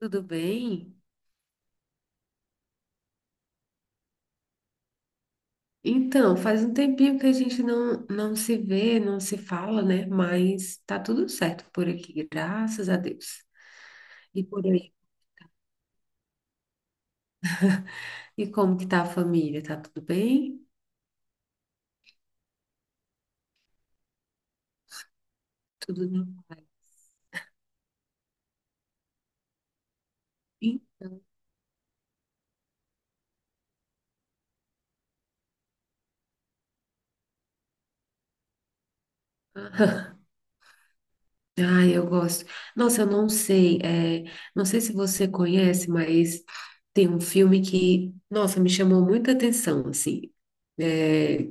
Tudo bem? Então, faz um tempinho que a gente não se vê, não se fala, né? Mas tá tudo certo por aqui, graças a Deus. E por aí? E como que tá a família? Tá tudo bem? Tudo na paz? Sim? Ah, ai, eu gosto. Nossa, eu não sei, não sei se você conhece, mas tem um filme que, nossa, me chamou muita atenção, assim, é,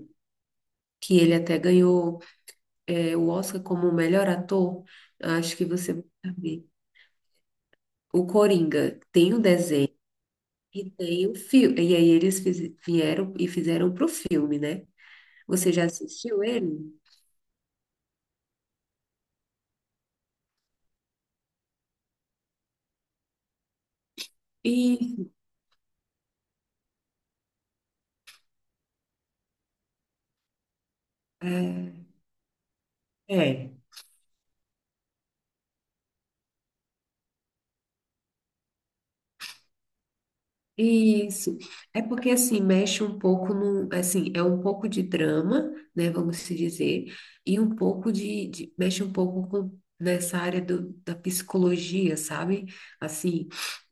que ele até ganhou, é, o Oscar como melhor ator. Acho que você vai saber. O Coringa tem o desenho e tem o filme. E aí eles vieram e fizeram pro filme, né? Você já assistiu ele? E é, é. Isso. É porque assim mexe um pouco no, assim, é um pouco de drama, né, vamos se dizer, e um pouco mexe um pouco com nessa área do, da psicologia, sabe? Assim,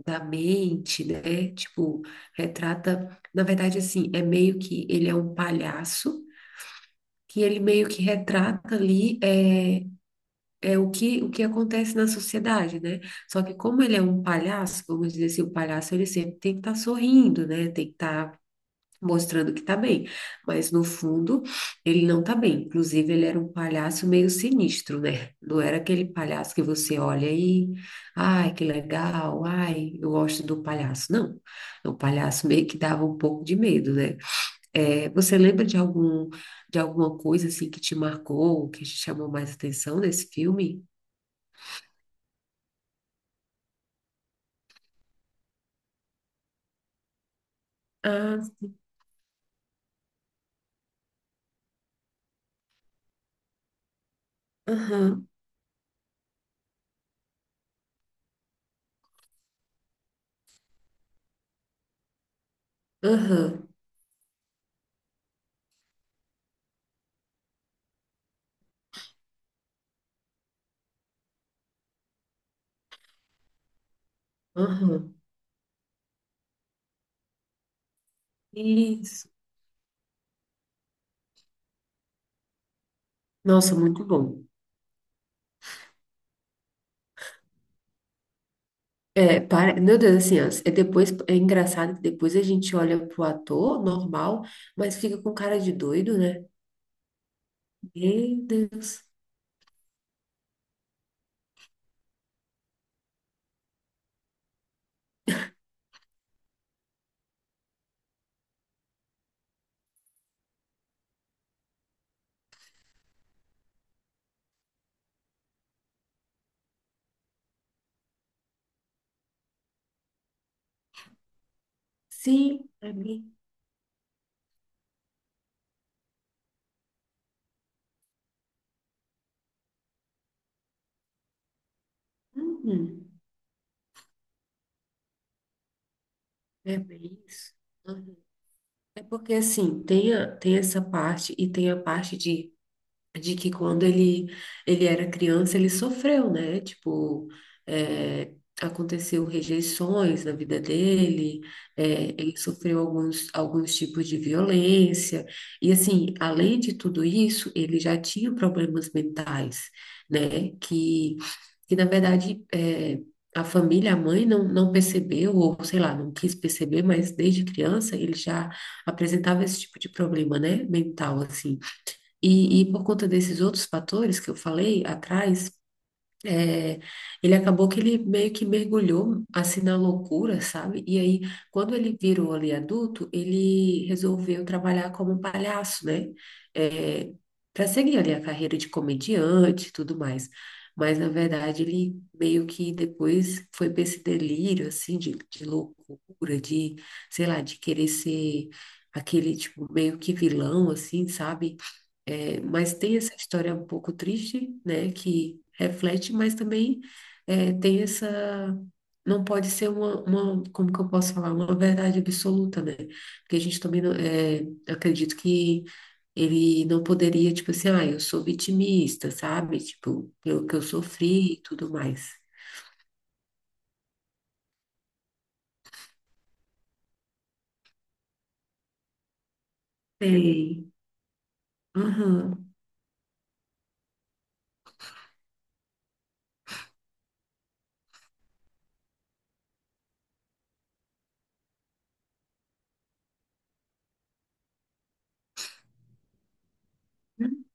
da mente, né? Tipo, retrata, na verdade assim, é meio que ele é um palhaço que ele meio que retrata ali é o que acontece na sociedade, né? Só que como ele é um palhaço, vamos dizer assim, o palhaço ele sempre tem que estar sorrindo, né? Tem que estar mostrando que tá bem, mas no fundo ele não tá bem. Inclusive ele era um palhaço meio sinistro, né? Não era aquele palhaço que você olha e, ai, que legal, ai, eu gosto do palhaço. Não, o palhaço meio que dava um pouco de medo, né? É, você lembra de algum, de alguma coisa assim que te marcou, que te chamou mais atenção nesse filme? Ah, aham, aham, aham. Isso. Nossa, muito bom. É, para... Meu Deus, assim, ó, é depois é engraçado que depois a gente olha pro ator normal, mas fica com cara de doido, né? Meu Deus. Sim, é bem. Uhum, é bem isso. Uhum. É porque assim, tem essa parte e tem a parte de que quando ele era criança, ele sofreu, né? Tipo, é, aconteceu rejeições na vida dele, é, ele sofreu alguns, alguns tipos de violência, e assim, além de tudo isso, ele já tinha problemas mentais, né? Que na verdade, é, a família, a mãe não percebeu, ou sei lá, não quis perceber, mas desde criança ele já apresentava esse tipo de problema, né? Mental, assim. E por conta desses outros fatores que eu falei atrás, é, ele acabou que ele meio que mergulhou assim na loucura, sabe? E aí, quando ele virou ali adulto, ele resolveu trabalhar como um palhaço, né? É, para seguir ali a carreira de comediante e tudo mais. Mas, na verdade, ele meio que depois foi para esse delírio, assim, de loucura, de, sei lá, de querer ser aquele, tipo, meio que vilão, assim, sabe? É, mas tem essa história um pouco triste, né, que reflete, mas também é, tem essa. Não pode ser uma, como que eu posso falar, uma verdade absoluta, né? Porque a gente também não, é, eu acredito que ele não poderia, tipo assim, ah, eu sou vitimista, sabe? Tipo, pelo que eu sofri e tudo mais. Sei. Aham. Hum,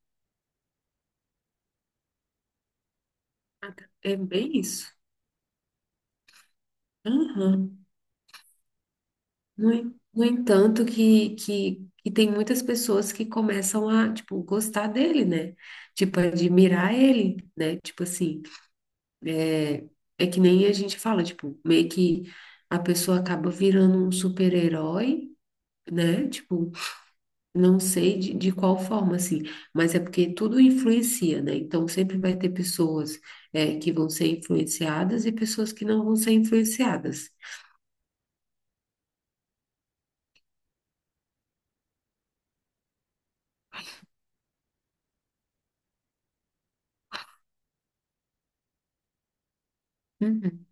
é bem isso. Aham. No, no entanto, que tem muitas pessoas que começam a, tipo, gostar dele, né? Tipo, admirar ele, né? Tipo assim, é é que nem a gente fala, tipo, meio que a pessoa acaba virando um super-herói, né? Tipo, não sei de qual forma, assim, mas é porque tudo influencia, né? Então sempre vai ter pessoas, é, que vão ser influenciadas e pessoas que não vão ser influenciadas. Uhum.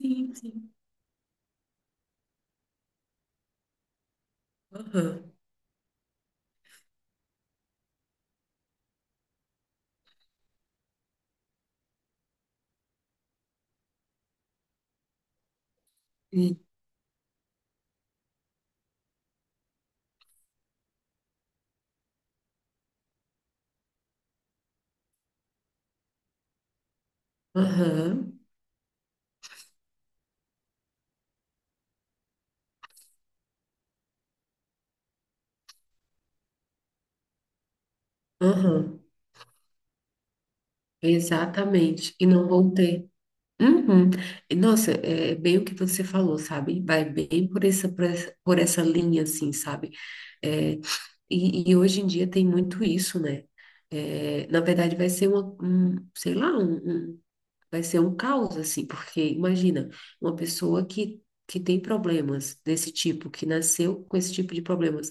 Sim, sim. Aham. E- aham. Aham, exatamente. E não vão ter. Uhum. E, nossa, é bem o que você falou, sabe? Vai bem por essa, por essa linha, assim, sabe? É, e hoje em dia tem muito isso, né? É, na verdade, vai ser uma, um, sei lá, um- vai ser um caos, assim, porque imagina, uma pessoa que tem problemas desse tipo, que nasceu com esse tipo de problemas,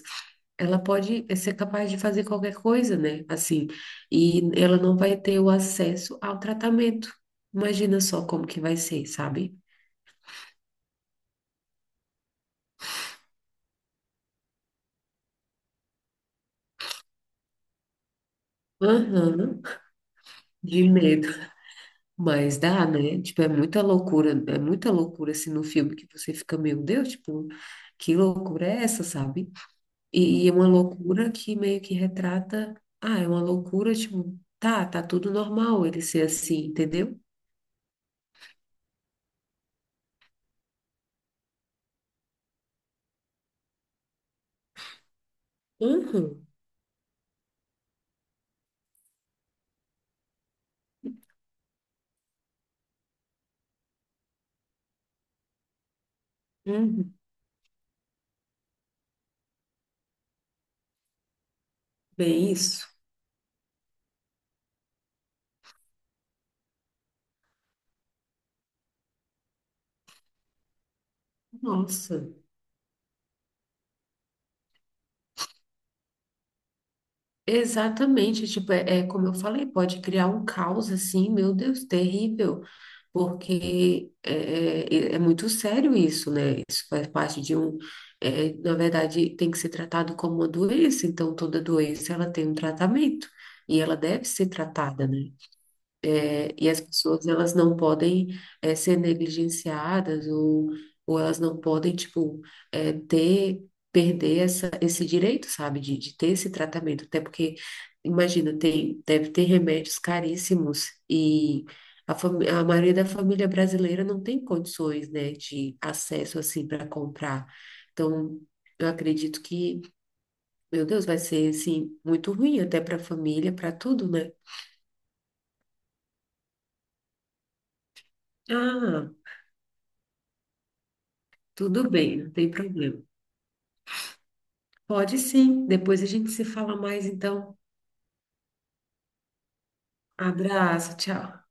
ela pode eh, ser capaz de fazer qualquer coisa, né? Assim, e ela não vai ter o acesso ao tratamento. Imagina só como que vai ser, sabe? Aham, de medo. Mas dá, né? Tipo, é muita loucura assim no filme que você fica, meu Deus, tipo, que loucura é essa, sabe? E é uma loucura que meio que retrata, ah, é uma loucura, tipo, tá, tá tudo normal ele ser assim, entendeu? Uhum, uhum, bem isso. Nossa. Exatamente, tipo, é, é como eu falei, pode criar um caos assim, meu Deus, terrível, porque é muito sério isso, né? Isso faz parte de um, é, na verdade, tem que ser tratado como uma doença, então toda doença ela tem um tratamento e ela deve ser tratada, né? E as pessoas, elas não podem eh, ser negligenciadas ou elas não podem, tipo, eh, ter, perder essa, esse direito, sabe, de ter esse tratamento. Até porque, imagina, tem, deve ter remédios caríssimos e a maioria da família brasileira não tem condições, né, de acesso, assim, para comprar. Então, eu acredito que, meu Deus, vai ser, assim, muito ruim até para a família, para tudo, né? Ah, tudo bem, não tem problema. Pode sim. Depois a gente se fala mais, então. Abraço, tchau.